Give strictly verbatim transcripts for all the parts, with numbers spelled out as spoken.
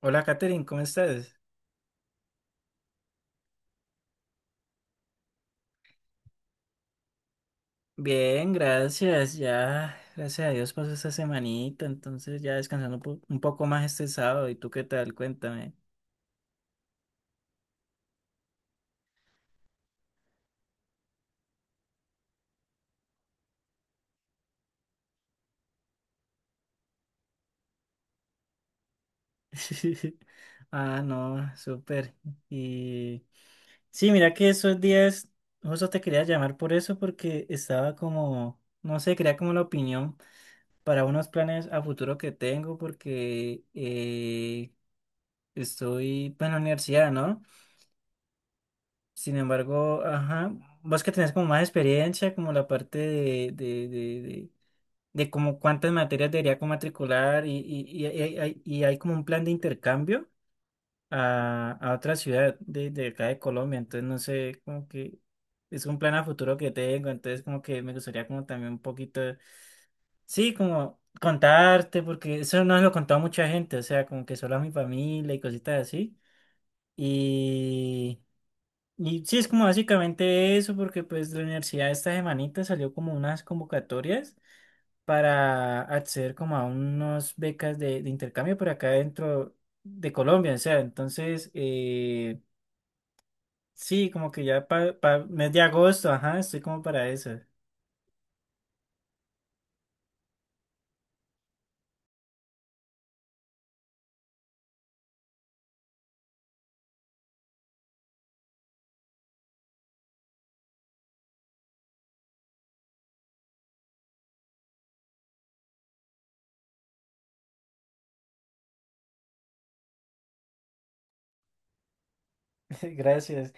Hola, Katherine, ¿cómo estás? Bien, gracias. Ya, gracias a Dios pasó esta semanita, entonces ya descansando un, po- un poco más este sábado. ¿Y tú qué tal? Cuéntame. Ah, no, súper. Y sí, mira que esos días, justo te quería llamar por eso, porque estaba como, no sé, quería como la opinión para unos planes a futuro que tengo, porque eh, estoy pues, en la universidad, ¿no? Sin embargo, ajá, vos que tenés como más experiencia, como la parte de, de, de, de, de como cuántas materias debería como matricular y, y, y, hay, hay- y hay como un plan de intercambio a, a otra ciudad de, de acá de Colombia, entonces no sé, como que es un plan a futuro que tengo, entonces como que me gustaría como también un poquito, sí, como contarte, porque eso no lo he contado a mucha gente, o sea, como que solo a mi familia y cositas así. Y sí, es como básicamente eso, porque pues la universidad esta semanita salió como unas convocatorias para acceder como a unas becas de, de intercambio por acá dentro de Colombia, o sea, entonces, eh, sí, como que ya para mes de agosto, ajá, estoy como para eso. Gracias.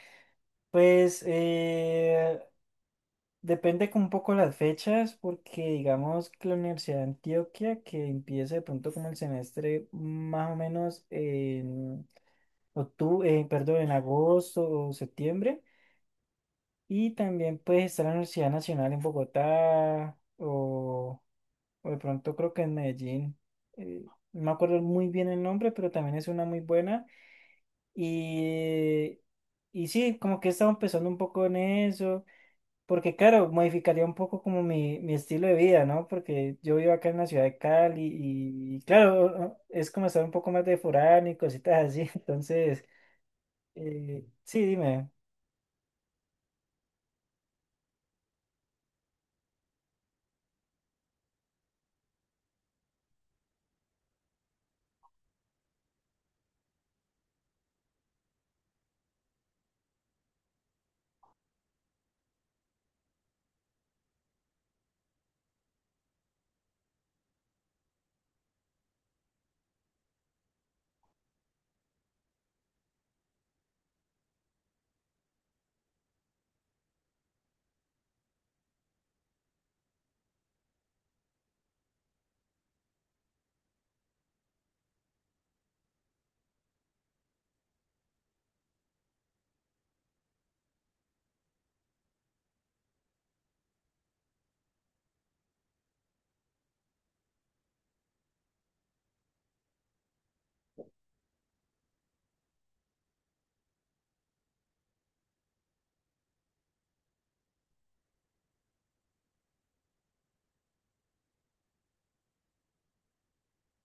Pues eh, depende con un poco las fechas, porque digamos que la Universidad de Antioquia, que empieza de pronto como el semestre más o menos octubre, eh, perdón, en agosto o septiembre. Y también puedes estar en la Universidad Nacional en Bogotá o, o de pronto creo que en Medellín. eh, no me acuerdo muy bien el nombre, pero también es una muy buena. Y, y sí, como que he estado empezando un poco en eso, porque claro, modificaría un poco como mi, mi estilo de vida, ¿no? Porque yo vivo acá en la ciudad de Cali y, y claro, es como estar un poco más de foráneo y cositas así. Entonces, eh, sí, dime.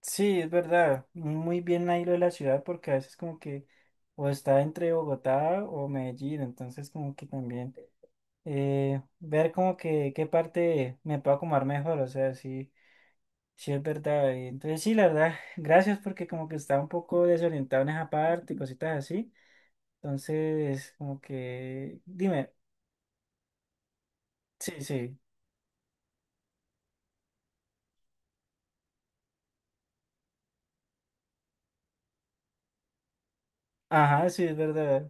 Sí, es verdad. Muy bien ahí lo de la ciudad porque a veces como que o está entre Bogotá o Medellín, entonces como que también eh, ver como que qué parte me puedo acomodar mejor, o sea, sí, sí es verdad. Y entonces sí, la verdad, gracias porque como que estaba un poco desorientado en esa parte y cositas así. Entonces, como que, dime, sí, sí, ajá, sí, es verdad.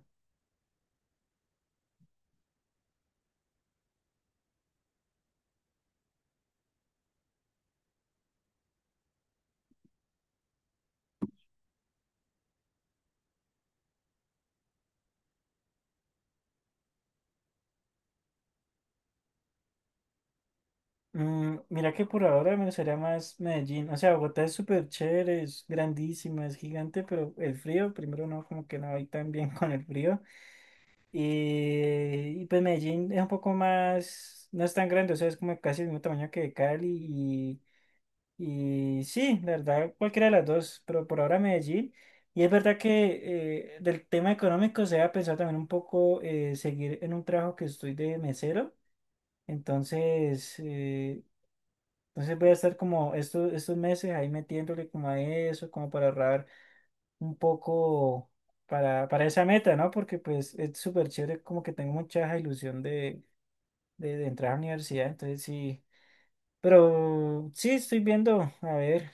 Mm, mira que por ahora me gustaría más Medellín. O sea, Bogotá es súper chévere, es grandísima, es gigante, pero el frío, primero no, como que no voy tan bien con el frío. Y, y pues Medellín es un poco más, no es tan grande, o sea, es como casi el mismo tamaño que Cali. Y, y sí, la verdad, cualquiera de las dos, pero por ahora Medellín. Y es verdad que eh, del tema económico se ha pensado también un poco eh, seguir en un trabajo que estoy de mesero. Entonces, eh, entonces voy a estar como estos, estos meses ahí metiéndole como a eso, como para ahorrar un poco para, para esa meta, ¿no? Porque pues es súper chévere, como que tengo mucha ilusión de, de, de entrar a la universidad, entonces sí. Pero sí, estoy viendo, a ver,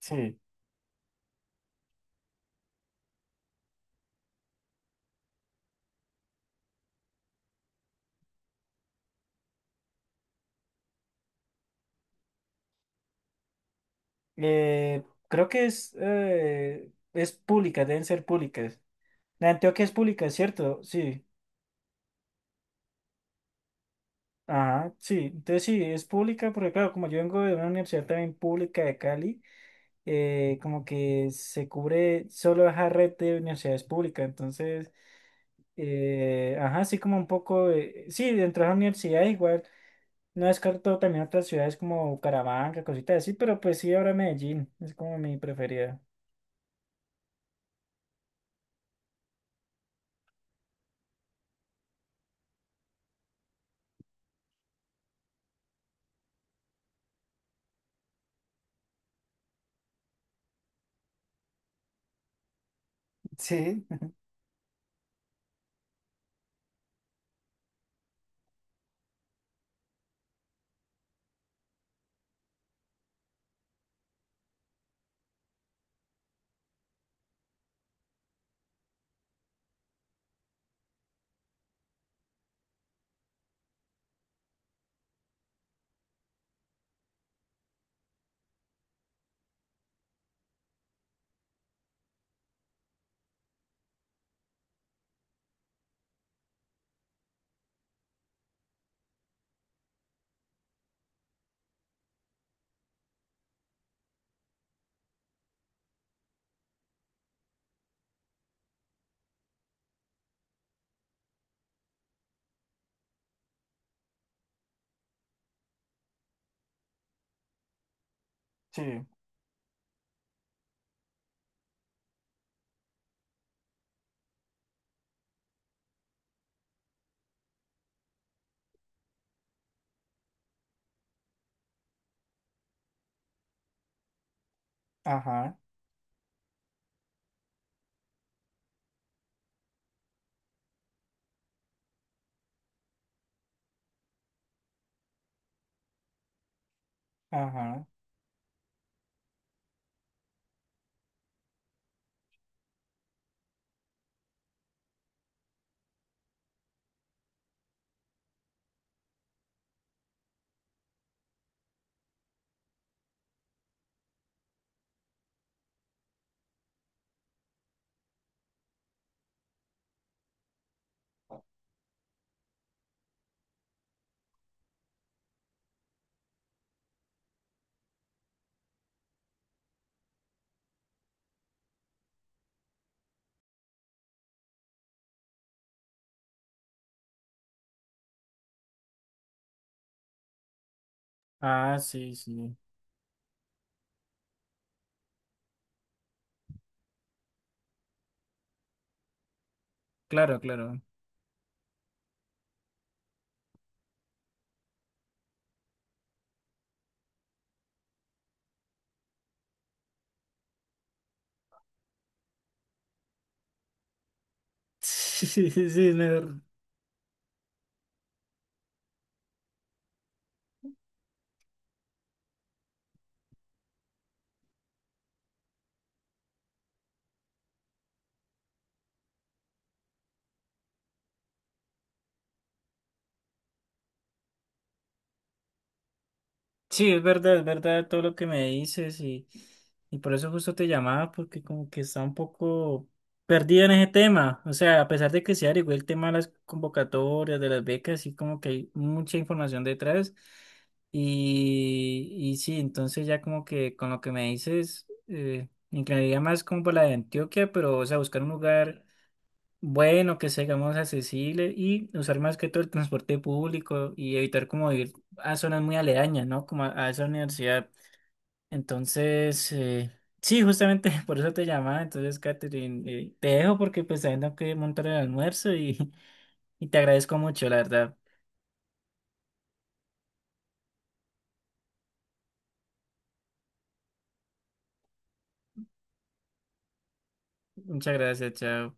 sí. eh, Creo que es, eh, es pública, deben ser públicas. La de Antioquia es pública, ¿cierto? Sí. Ajá, sí. Entonces sí, es pública, porque claro, como yo vengo de una universidad también pública de Cali. Eh, como que se cubre solo esa red de universidades públicas. Entonces, eh, ajá, sí como un poco, de- sí, dentro de esa universidad igual, no descarto también otras ciudades como Bucaramanga, cositas así, pero pues sí, ahora Medellín, es como mi preferida. Sí, sí. Ajá, ajá. Ah, sí, sí. Claro, claro. Sí, sí, es mejor. Sí, es verdad, es verdad todo lo que me dices y, y por eso justo te llamaba porque como que está un poco perdido en ese tema. O sea, a pesar de que se averiguó el tema de las convocatorias, de las becas, sí como que hay mucha información detrás. Y, y sí, entonces ya como que con lo que me dices, eh, me inclinaría más como por la de Antioquia, pero o sea, buscar un lugar bueno, que seamos accesibles y usar más que todo el transporte público y evitar como ir a zonas muy aledañas, ¿no? Como a, a esa universidad. Entonces, eh, sí, justamente por eso te llamaba. Entonces, Catherine, eh, te dejo porque pues también tengo que montar el almuerzo y, y te agradezco mucho, la verdad. Muchas gracias, chao.